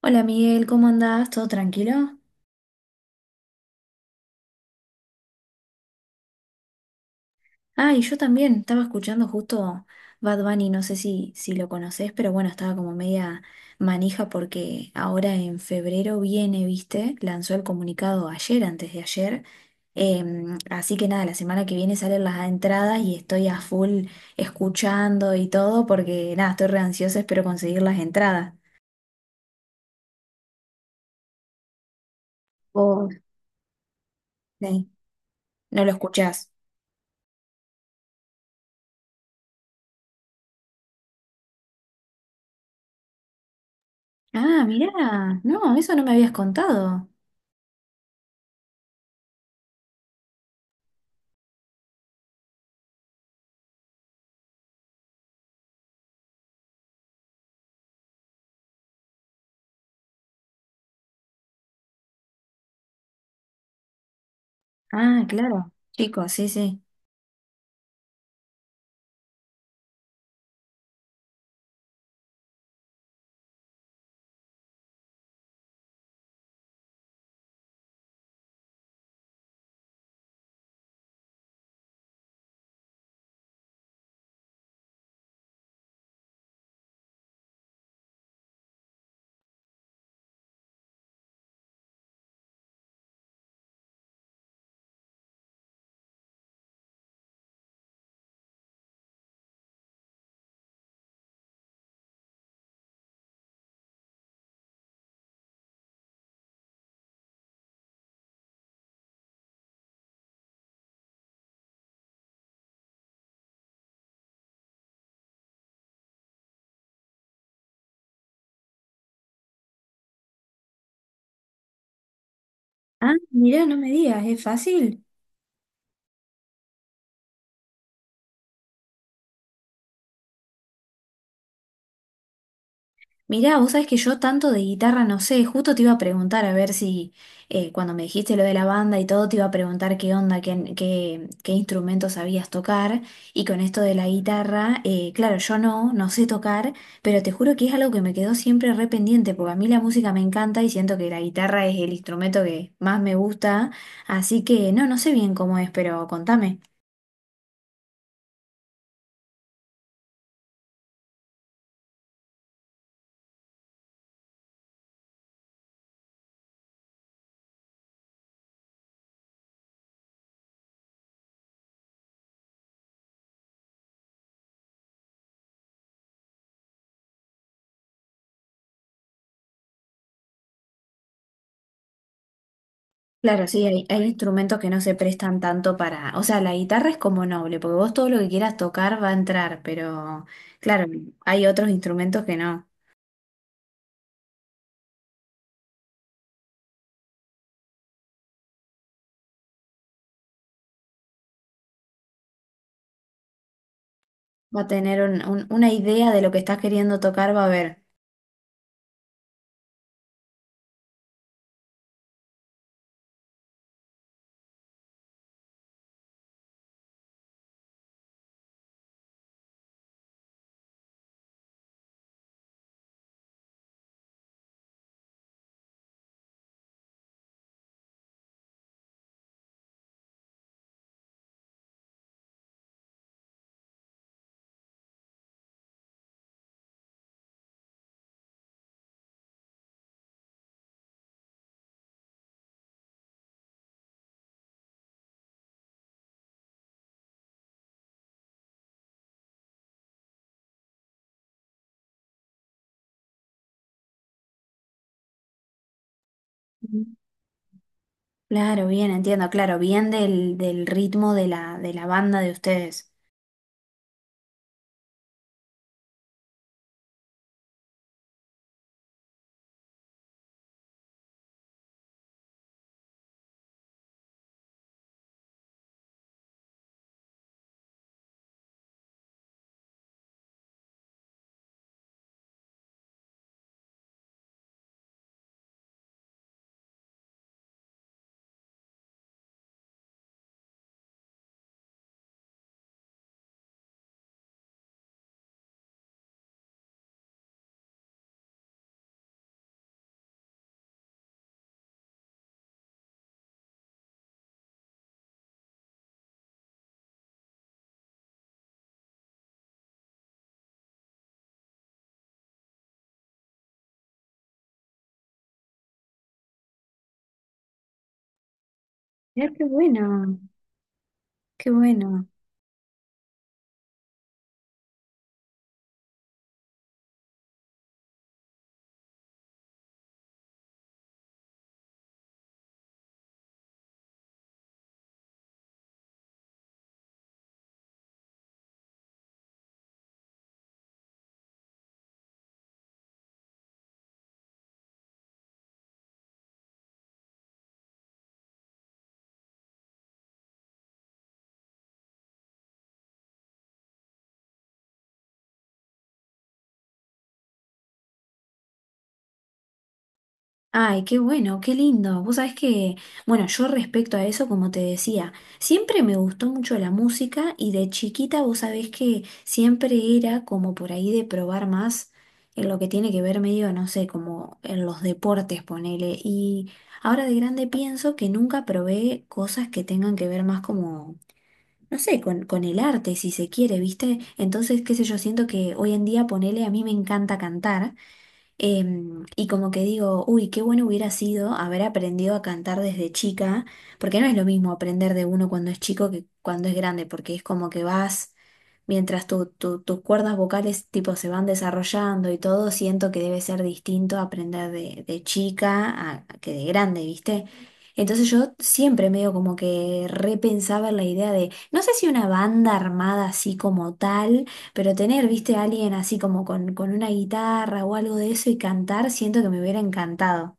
Hola Miguel, ¿cómo andás? ¿Todo tranquilo? Ah, y yo también, estaba escuchando justo Bad Bunny, no sé si lo conocés, pero bueno, estaba como media manija porque ahora en febrero viene, ¿viste? Lanzó el comunicado ayer, antes de ayer. Así que nada, la semana que viene salen las entradas y estoy a full escuchando y todo porque nada, estoy re ansiosa, espero conseguir las entradas. ¿Vos? Sí, ¿no lo escuchás? Ah, mirá, no, eso no me habías contado. Ah, claro, chicos, sí, sí. Ah, mirá, no me digas, es fácil. Mirá, vos sabés que yo tanto de guitarra no sé, justo te iba a preguntar a ver si cuando me dijiste lo de la banda y todo, te iba a preguntar qué onda, qué instrumento sabías tocar. Y con esto de la guitarra, claro, yo no sé tocar, pero te juro que es algo que me quedó siempre re pendiente, porque a mí la música me encanta y siento que la guitarra es el instrumento que más me gusta. Así que no sé bien cómo es, pero contame. Claro, sí, hay instrumentos que no se prestan tanto para, o sea, la guitarra es como noble, porque vos todo lo que quieras tocar va a entrar, pero claro, hay otros instrumentos que no. Va a tener una idea de lo que estás queriendo tocar, va a haber. Ujú. Claro, bien, entiendo, claro, bien del, del ritmo de de la banda de ustedes. Mirá, qué bueno, qué bueno. Ay, qué bueno, qué lindo. Vos sabés que, bueno, yo respecto a eso, como te decía, siempre me gustó mucho la música y de chiquita vos sabés que siempre era como por ahí de probar más en lo que tiene que ver medio, no sé, como en los deportes, ponele. Y ahora de grande pienso que nunca probé cosas que tengan que ver más como, no sé, con el arte, si se quiere, ¿viste? Entonces, qué sé yo, siento que hoy en día, ponele, a mí me encanta cantar. Y como que digo, uy, qué bueno hubiera sido haber aprendido a cantar desde chica, porque no es lo mismo aprender de uno cuando es chico que cuando es grande, porque es como que vas mientras tus cuerdas vocales tipo se van desarrollando y todo, siento que debe ser distinto aprender de chica a que de grande, ¿viste? Entonces yo siempre medio como que repensaba en la idea de, no sé si una banda armada así como tal, pero tener, viste, a alguien así como con una guitarra o algo de eso y cantar, siento que me hubiera encantado.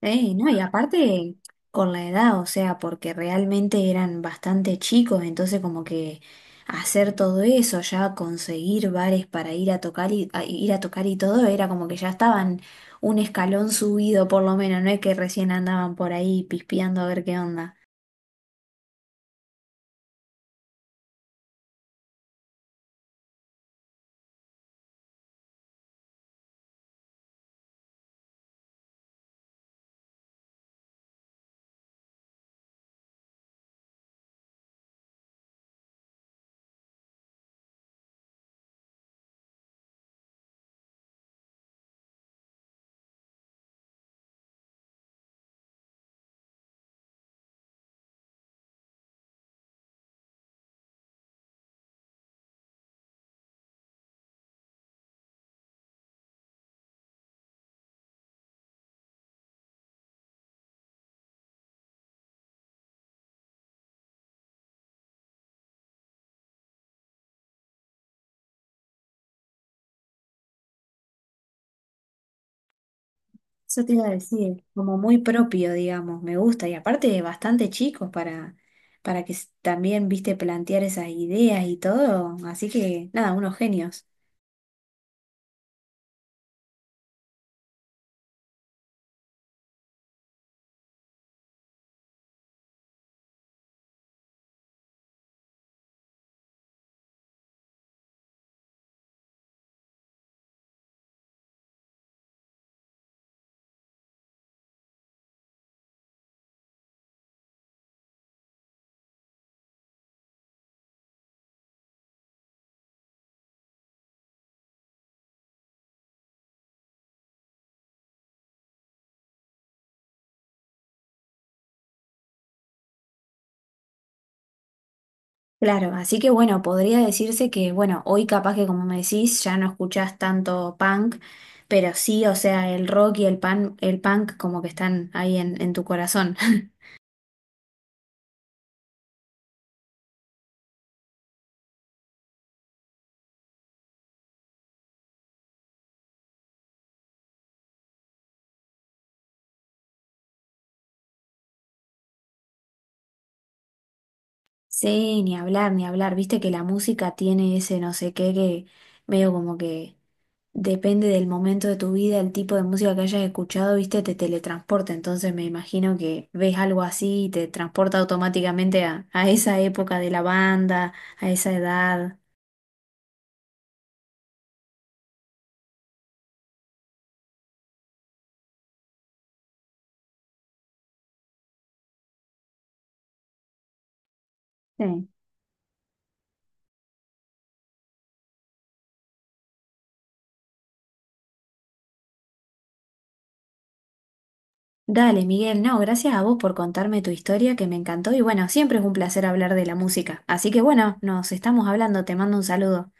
Ey, no, y aparte con la edad, o sea, porque realmente eran bastante chicos, entonces como que hacer todo eso, ya conseguir bares para ir a tocar y a ir a tocar y todo, era como que ya estaban un escalón subido por lo menos, no es que recién andaban por ahí pispeando a ver qué onda. Eso te iba a decir, como muy propio, digamos, me gusta, y aparte bastante chicos para que también, viste, plantear esas ideas y todo, así que nada, unos genios. Claro, así que bueno, podría decirse que, bueno, hoy capaz que como me decís, ya no escuchás tanto punk, pero sí, o sea, el rock y el pan, el punk como que están ahí en tu corazón. Sí, ni hablar, ni hablar, viste que la música tiene ese no sé qué que medio como que depende del momento de tu vida, el tipo de música que hayas escuchado, viste, te teletransporta, entonces me imagino que ves algo así y te transporta automáticamente a esa época de la banda, a esa edad. Sí. Dale, Miguel, no, gracias a vos por contarme tu historia que me encantó y bueno, siempre es un placer hablar de la música. Así que bueno, nos estamos hablando, te mando un saludo.